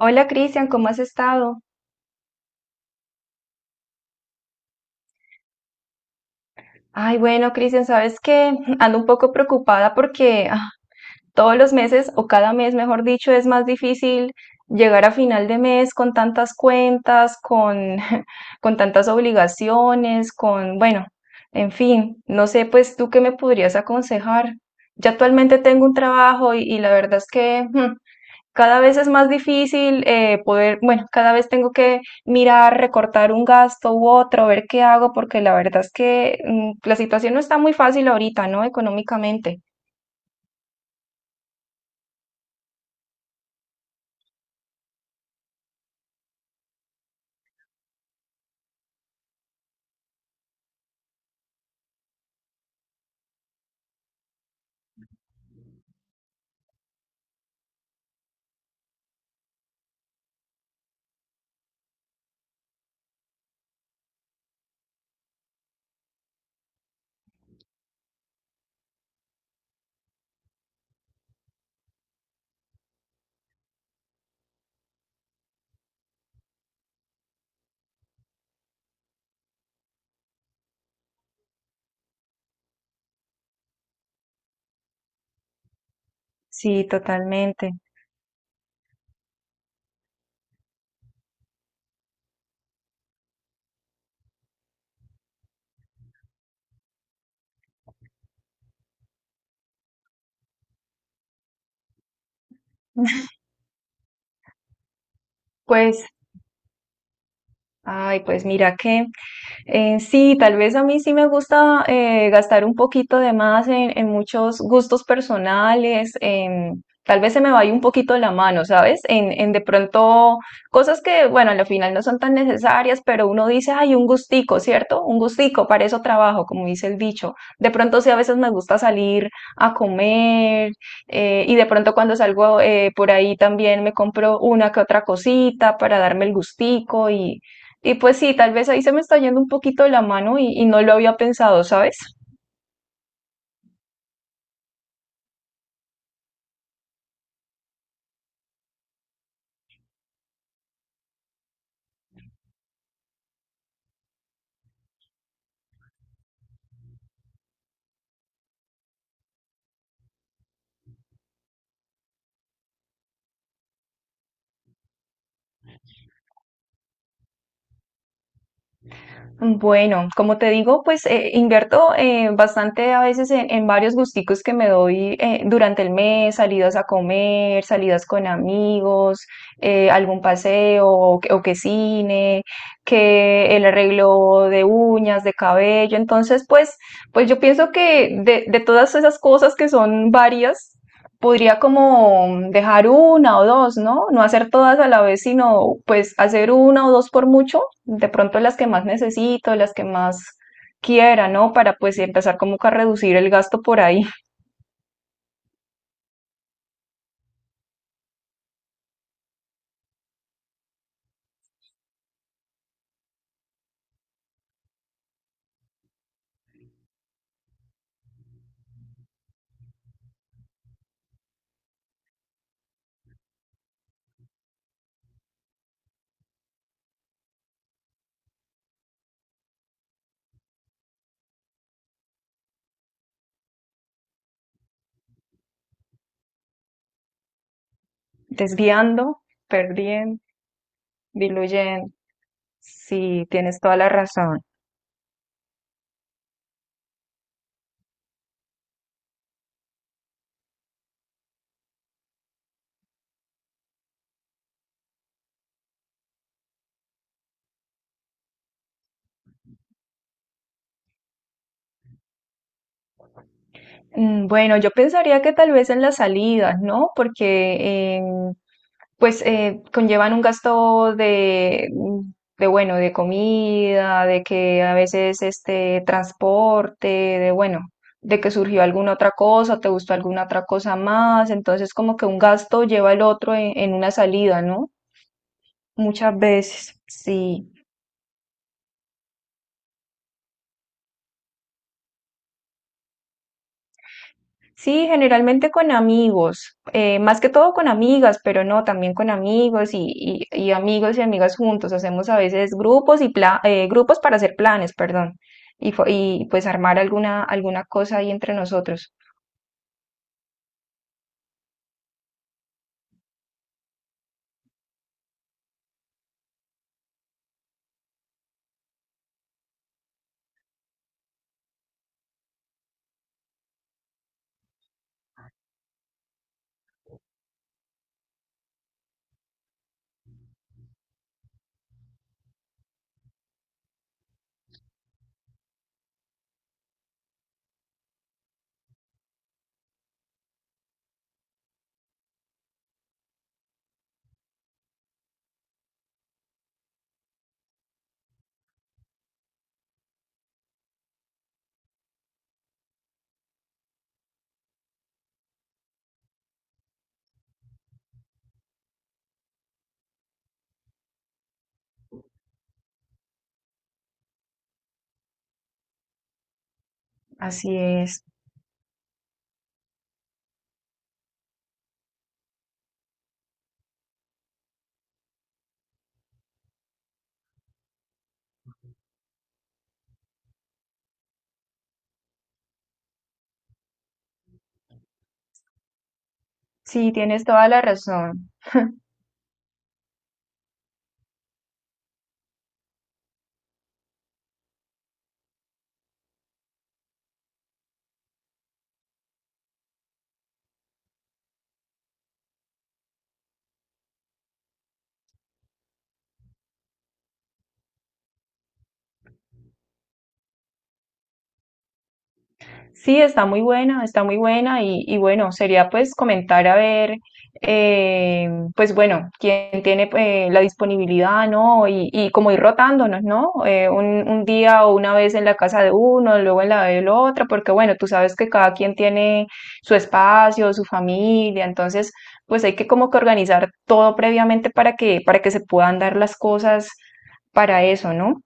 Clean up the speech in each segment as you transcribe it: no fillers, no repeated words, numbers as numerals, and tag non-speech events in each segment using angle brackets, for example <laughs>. Hola, Cristian, ¿cómo has estado? Ay, bueno, Cristian, sabes que <laughs> ando un poco preocupada porque todos los meses o cada mes, mejor dicho, es más difícil llegar a final de mes con tantas cuentas, <laughs> con tantas obligaciones, con, bueno, en fin, no sé, pues tú qué me podrías aconsejar. Yo actualmente tengo un trabajo y la verdad es que <laughs> cada vez es más difícil poder, bueno, cada vez tengo que mirar, recortar un gasto u otro, ver qué hago, porque la verdad es que la situación no está muy fácil ahorita, ¿no? Económicamente. Sí, totalmente. Pues, ay, pues mira que sí, tal vez a mí sí me gusta gastar un poquito de más en muchos gustos personales, tal vez se me vaya un poquito la mano, ¿sabes? En de pronto cosas que, bueno, al final no son tan necesarias, pero uno dice, ay, un gustico, ¿cierto? Un gustico, para eso trabajo, como dice el dicho. De pronto sí, a veces me gusta salir a comer, y de pronto cuando salgo, por ahí también me compro una que otra cosita para darme el gustico, y pues sí, tal vez ahí se me está yendo un poquito de la mano y no lo había pensado, ¿sabes? Bueno, como te digo, pues invierto bastante a veces en varios gusticos que me doy durante el mes, salidas a comer, salidas con amigos, algún paseo o, que cine, que el arreglo de uñas, de cabello. Entonces, pues, pues yo pienso que de todas esas cosas que son varias, podría como dejar una o dos, ¿no? No hacer todas a la vez, sino pues hacer una o dos por mucho, de pronto las que más necesito, las que más quiera, ¿no? Para pues empezar como que a reducir el gasto por ahí. <laughs> Desviando, perdiendo, diluyendo. Sí, tienes toda la razón. Bueno, yo pensaría que tal vez en las salidas, ¿no? Porque pues conllevan un gasto de, de, bueno, de comida, de que a veces este transporte, de bueno, de que surgió alguna otra cosa, te gustó alguna otra cosa más, entonces como que un gasto lleva el otro en una salida, ¿no? Muchas veces. Sí. Sí, generalmente con amigos, más que todo con amigas, pero no, también con amigos y amigos y amigas juntos. Hacemos a veces grupos y grupos para hacer planes, perdón, y pues armar alguna, alguna cosa ahí entre nosotros. Así es. Sí, tienes toda la razón. Sí, está muy buena y bueno, sería pues comentar a ver, eh, pues bueno, quién tiene la disponibilidad, ¿no? Y como ir rotándonos, ¿no? Un día o una vez en la casa de uno, luego en la de la otra, porque bueno, tú sabes que cada quien tiene su espacio, su familia, entonces pues hay que como que organizar todo previamente para que se puedan dar las cosas para eso, ¿no?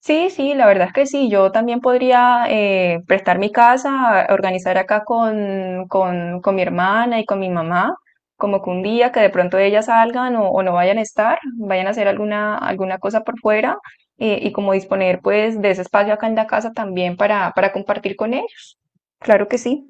Sí, la verdad es que sí. Yo también podría prestar mi casa, organizar acá con mi hermana y con mi mamá, como que un día que de pronto ellas salgan o no vayan a estar, vayan a hacer alguna, alguna cosa por fuera, y como disponer pues de ese espacio acá en la casa también para compartir con ellos. Claro que sí.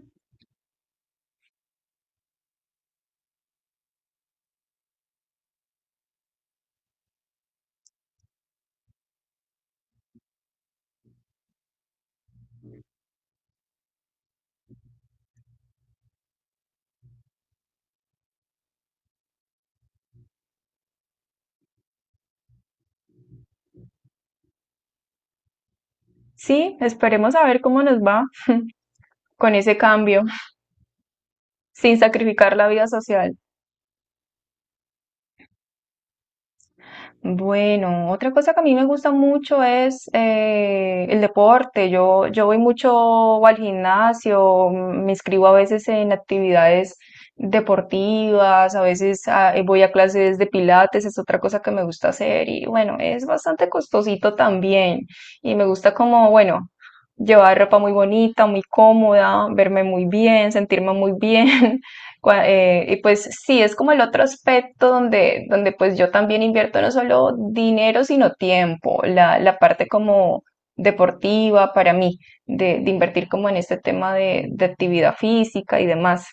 Sí, esperemos a ver cómo nos va con ese cambio, <laughs> sin sacrificar la vida social. Bueno, otra cosa que a mí me gusta mucho es, el deporte. Yo voy mucho al gimnasio, me inscribo a veces en actividades deportivas, a veces voy a clases de Pilates, es otra cosa que me gusta hacer y bueno, es bastante costosito también. Y me gusta como, bueno, llevar ropa muy bonita, muy cómoda, verme muy bien, sentirme muy bien. <laughs> Y pues sí, es como el otro aspecto donde, donde pues yo también invierto no solo dinero, sino tiempo, la parte como deportiva para mí, de invertir como en este tema de actividad física y demás.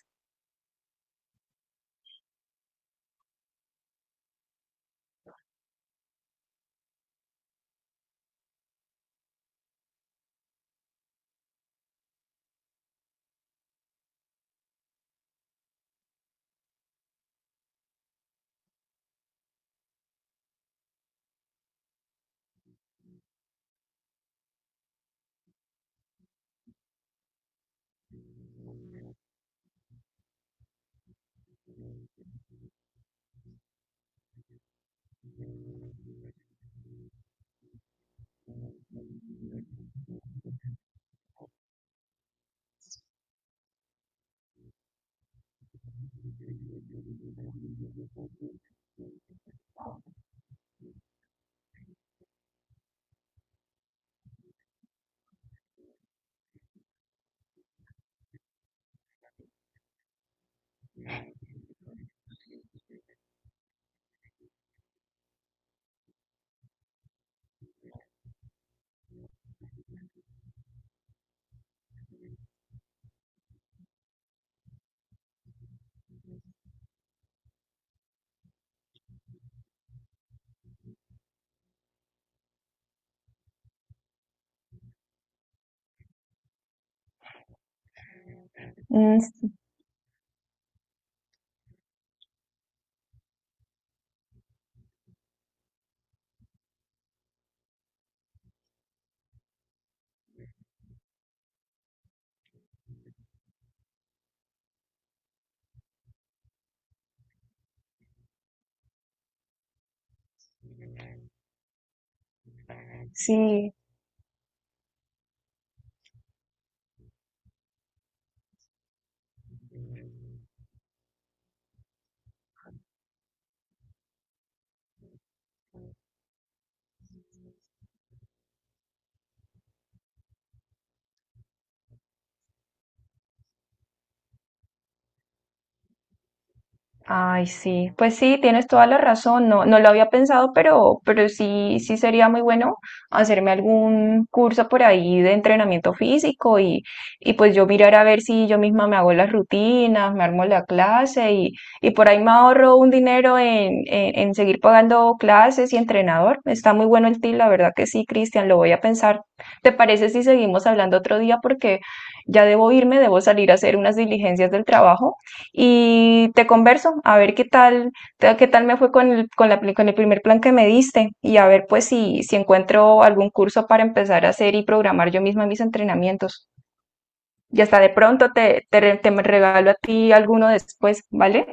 Mm, sí. Ay, sí, pues sí, tienes toda la razón, no, no lo había pensado, pero sí, sí sería muy bueno hacerme algún curso por ahí de entrenamiento físico, y pues yo mirar a ver si yo misma me hago las rutinas, me armo la clase y por ahí me ahorro un dinero en seguir pagando clases y entrenador. Está muy bueno el tip, la verdad que sí, Cristian, lo voy a pensar. ¿Te parece si seguimos hablando otro día? Porque ya debo irme, debo salir a hacer unas diligencias del trabajo y te converso a ver qué tal, qué tal me fue con el, con la, con el primer plan que me diste y a ver pues si encuentro algún curso para empezar a hacer y programar yo misma mis entrenamientos. Y hasta de pronto te me regalo a ti alguno después, ¿vale?